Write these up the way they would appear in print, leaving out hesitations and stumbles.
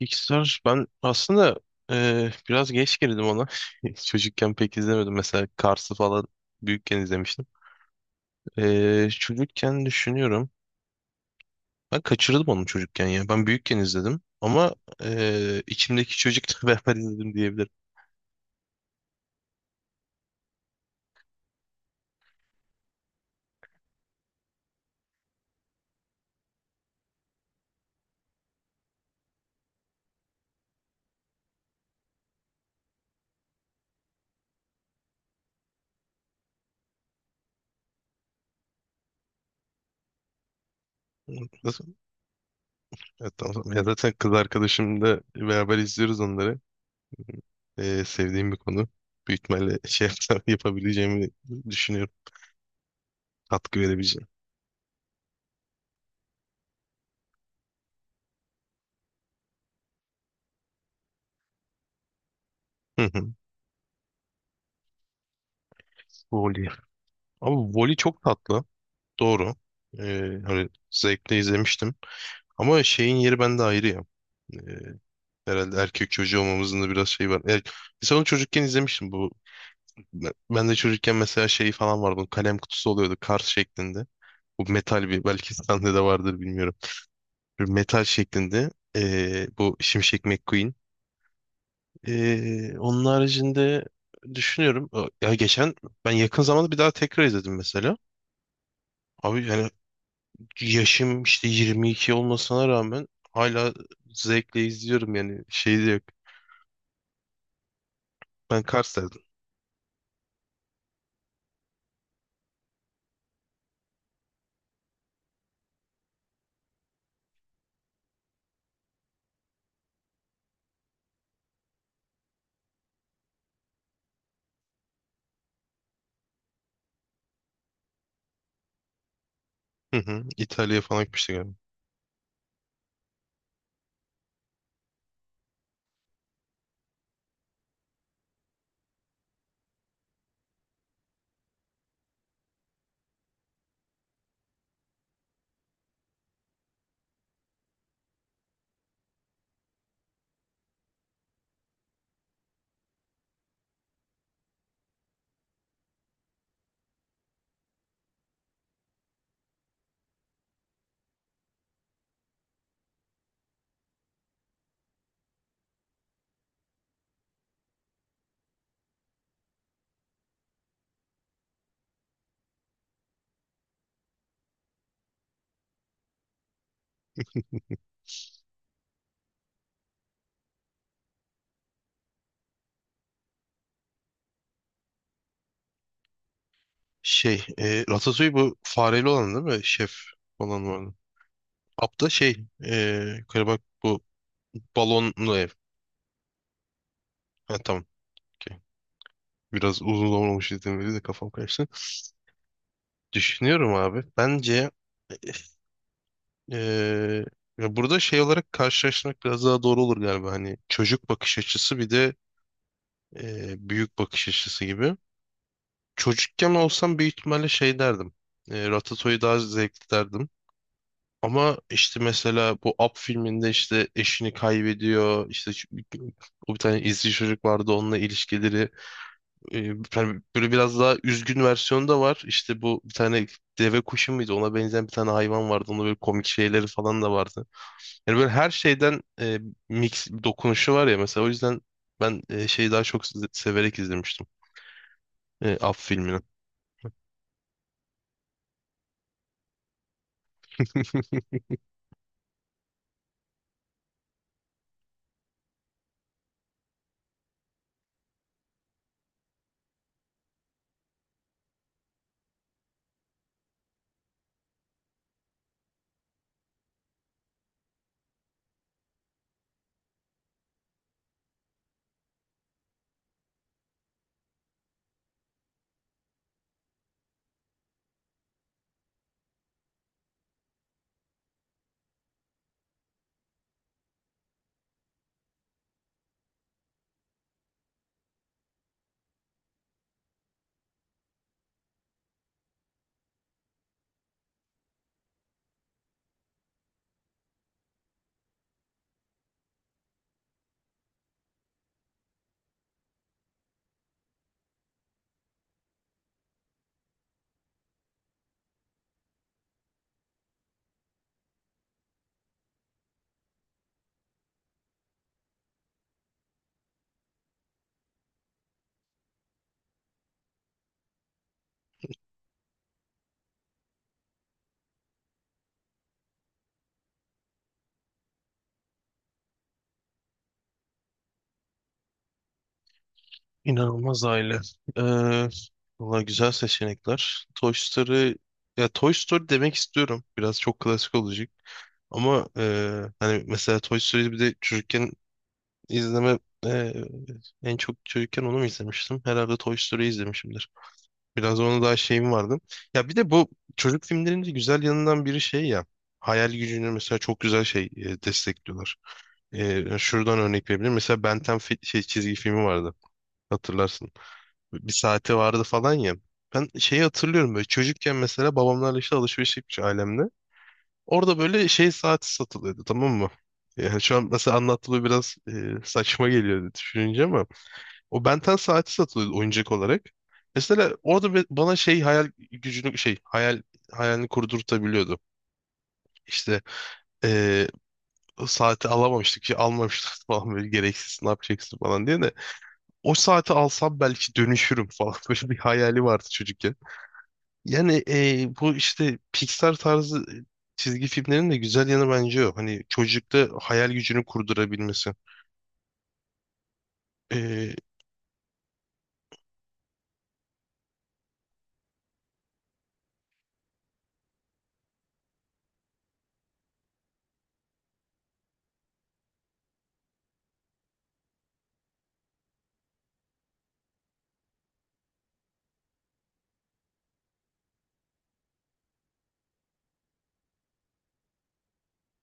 Pixar ben aslında biraz geç girdim ona. Çocukken pek izlemedim. Mesela Cars'ı falan büyükken izlemiştim. Çocukken düşünüyorum. Ben kaçırdım onu çocukken ya. Ben büyükken izledim. Ama içimdeki çocukla beraber izledim diyebilirim. Nasıl? Evet, tamam. Ya zaten kız arkadaşımla beraber izliyoruz onları. Sevdiğim bir konu. Büyük ihtimalle yapabileceğimi düşünüyorum. Katkı verebileceğim. Hı hı. Voli. Abi Voli çok tatlı. Doğru. Ee, Hani zevkle izlemiştim. Ama şeyin yeri bende ayrı ya. Ee, Herhalde erkek çocuğu olmamızın da biraz şeyi var. Biz onu çocukken izlemiştim. Bu ben de çocukken mesela şey falan vardı. Kalem kutusu oluyordu kart şeklinde. Bu metal bir belki sende de vardır bilmiyorum. Bir metal şeklinde bu Şimşek McQueen. Onun haricinde düşünüyorum. Ya geçen ben yakın zamanda bir daha tekrar izledim mesela. Abi yani yaşım işte 22 olmasına rağmen hala zevkle izliyorum yani şey de yok. Ben Kars derdim. Hı hı. İtalya'ya falan gitmiştik galiba. Şey, Ratatouille bu fareli olan değil mi? Şef olan var. Apta şey Karabak bu balonlu ev. Ha, tamam. Okey. Biraz uzun zaman olmuş izlediğim beri de kafam karıştı. Düşünüyorum abi. Bence eee, ya burada şey olarak karşılaştırmak biraz daha doğru olur galiba. Hani çocuk bakış açısı bir de büyük bakış açısı gibi. Çocukken olsam büyük ihtimalle şey derdim. Ratatouille daha zevkli derdim. Ama işte mesela bu Up filminde işte eşini kaybediyor. İşte o bir tane izci çocuk vardı onunla ilişkileri. E, hani böyle biraz daha üzgün versiyonu da var. İşte bu bir tane deve kuşu muydu? Ona benzeyen bir tane hayvan vardı. Onda böyle komik şeyleri falan da vardı. Yani böyle her şeyden mix bir dokunuşu var ya mesela. O yüzden ben şeyi daha çok severek izlemiştim. E, Up filmini. İnanılmaz aile. Ee, Valla güzel seçenekler. Toy Story ya Toy Story demek istiyorum. Biraz çok klasik olacak. Ama hani mesela Toy Story bir de çocukken İzleme e, en çok çocukken onu mu izlemiştim? Herhalde Toy Story izlemişimdir. Biraz ona daha şeyim vardı. Ya bir de bu çocuk filmlerinin de güzel yanından biri şey ya. Hayal gücünü mesela çok güzel şey destekliyorlar. E, şuradan örnek verebilirim. Mesela Ben 10 şey, çizgi filmi vardı. Hatırlarsın. Bir saati vardı falan ya. Ben şeyi hatırlıyorum böyle çocukken mesela babamlarla işte alışveriş yapmış ailemle. Orada böyle şey saati satılıyordu, tamam mı? Yani şu an mesela anlattığı biraz saçma geliyor düşününce ama o Benten saati satılıyordu oyuncak olarak. Mesela orada bana şey hayal gücünü şey hayalini kurdurtabiliyordu. İşte eee, o saati alamamıştık ki almamıştık falan böyle gereksiz ne yapacaksın falan diye de o saati alsam belki dönüşürüm falan böyle bir hayali vardı çocukken. Yani bu işte Pixar tarzı çizgi filmlerin de güzel yanı bence o. Hani çocukta hayal gücünü kurdurabilmesi. Eee,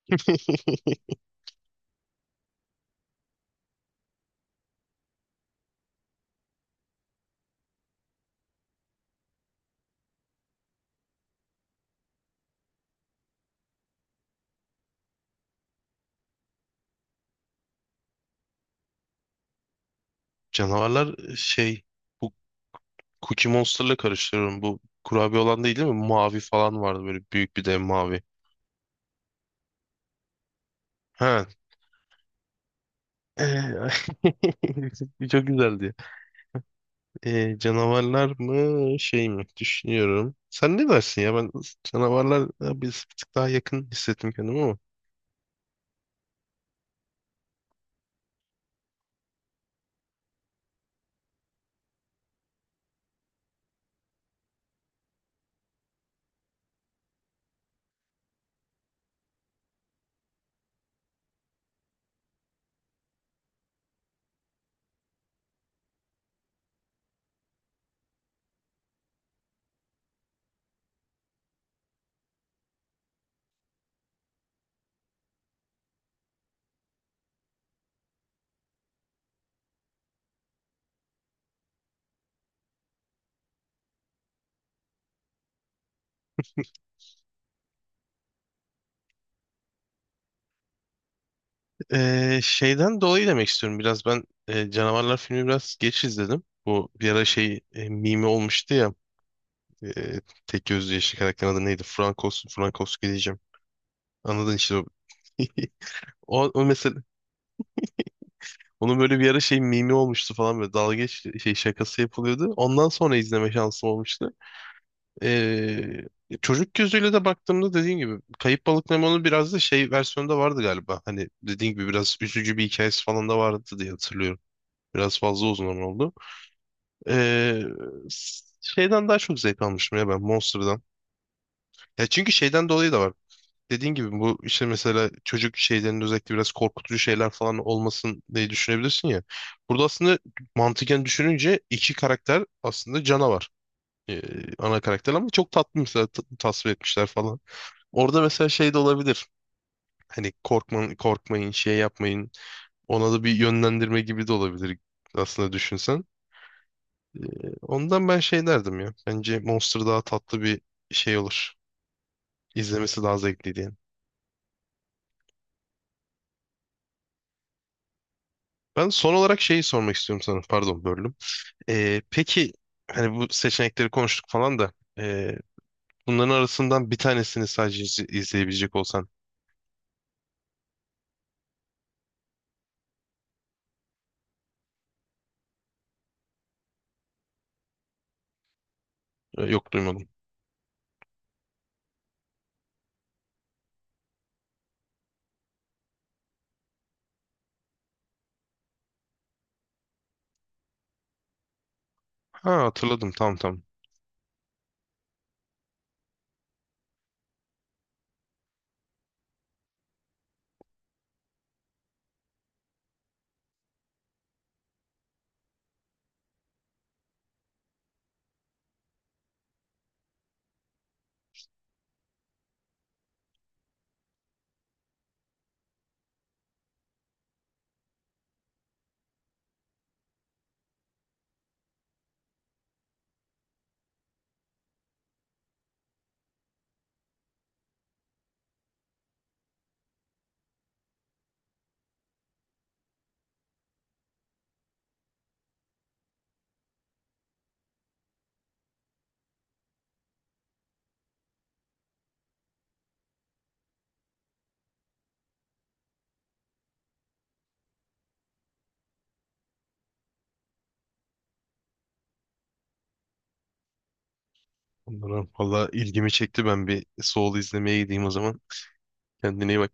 canavarlar şey bu Cookie Monster'la karıştırıyorum. Bu kurabiye olan değil değil mi? Mavi falan vardı böyle büyük bir dev mavi. Ha. Ee, Çok güzeldi. Canavarlar mı şey mi? Düşünüyorum. Sen ne dersin ya? Ben canavarlar biz bir tık daha yakın hissettim kendimi ama. Şeyden dolayı demek istiyorum biraz ben, canavarlar filmi biraz geç izledim. Bu bir ara şey mimi olmuştu ya. E, tek gözlü yeşil karakterin adı neydi? Frankos, Frankos diyeceğim. Anladın işte o. O, o mesela onun böyle bir ara şey mimi olmuştu falan böyle şey şakası yapılıyordu. Ondan sonra izleme şansım olmuştu. Ee, Çocuk gözüyle de baktığımda dediğim gibi Kayıp Balık Nemo'nun biraz da şey versiyonu da vardı galiba. Hani dediğim gibi biraz üzücü bir hikayesi falan da vardı diye hatırlıyorum. Biraz fazla uzun ama oldu. Ee, Şeyden daha çok zevk almıştım ya ben Monster'dan. Ya çünkü şeyden dolayı da var. Dediğin gibi bu işte mesela çocuk şeylerinde özellikle biraz korkutucu şeyler falan olmasın diye düşünebilirsin ya. Burada aslında mantıken düşününce iki karakter aslında canavar. Ee, Ana karakter ama çok tatlı mesela tasvir etmişler falan. Orada mesela şey de olabilir. Hani korkmayın, korkmayın, şey yapmayın. Ona da bir yönlendirme gibi de olabilir aslında düşünsen. Ondan ben şey derdim ya. Bence Monster daha tatlı bir şey olur. İzlemesi daha zevkli diye. Ben son olarak şeyi sormak istiyorum sana. Pardon, böldüm. Peki hani bu seçenekleri konuştuk falan da ee, bunların arasından bir tanesini sadece izleyebilecek olsan. Yok duymadım. Ha, hatırladım, tamam tamam. Bunlara valla ilgimi çekti, ben bir Soul izlemeye gideyim o zaman. Kendine iyi bak.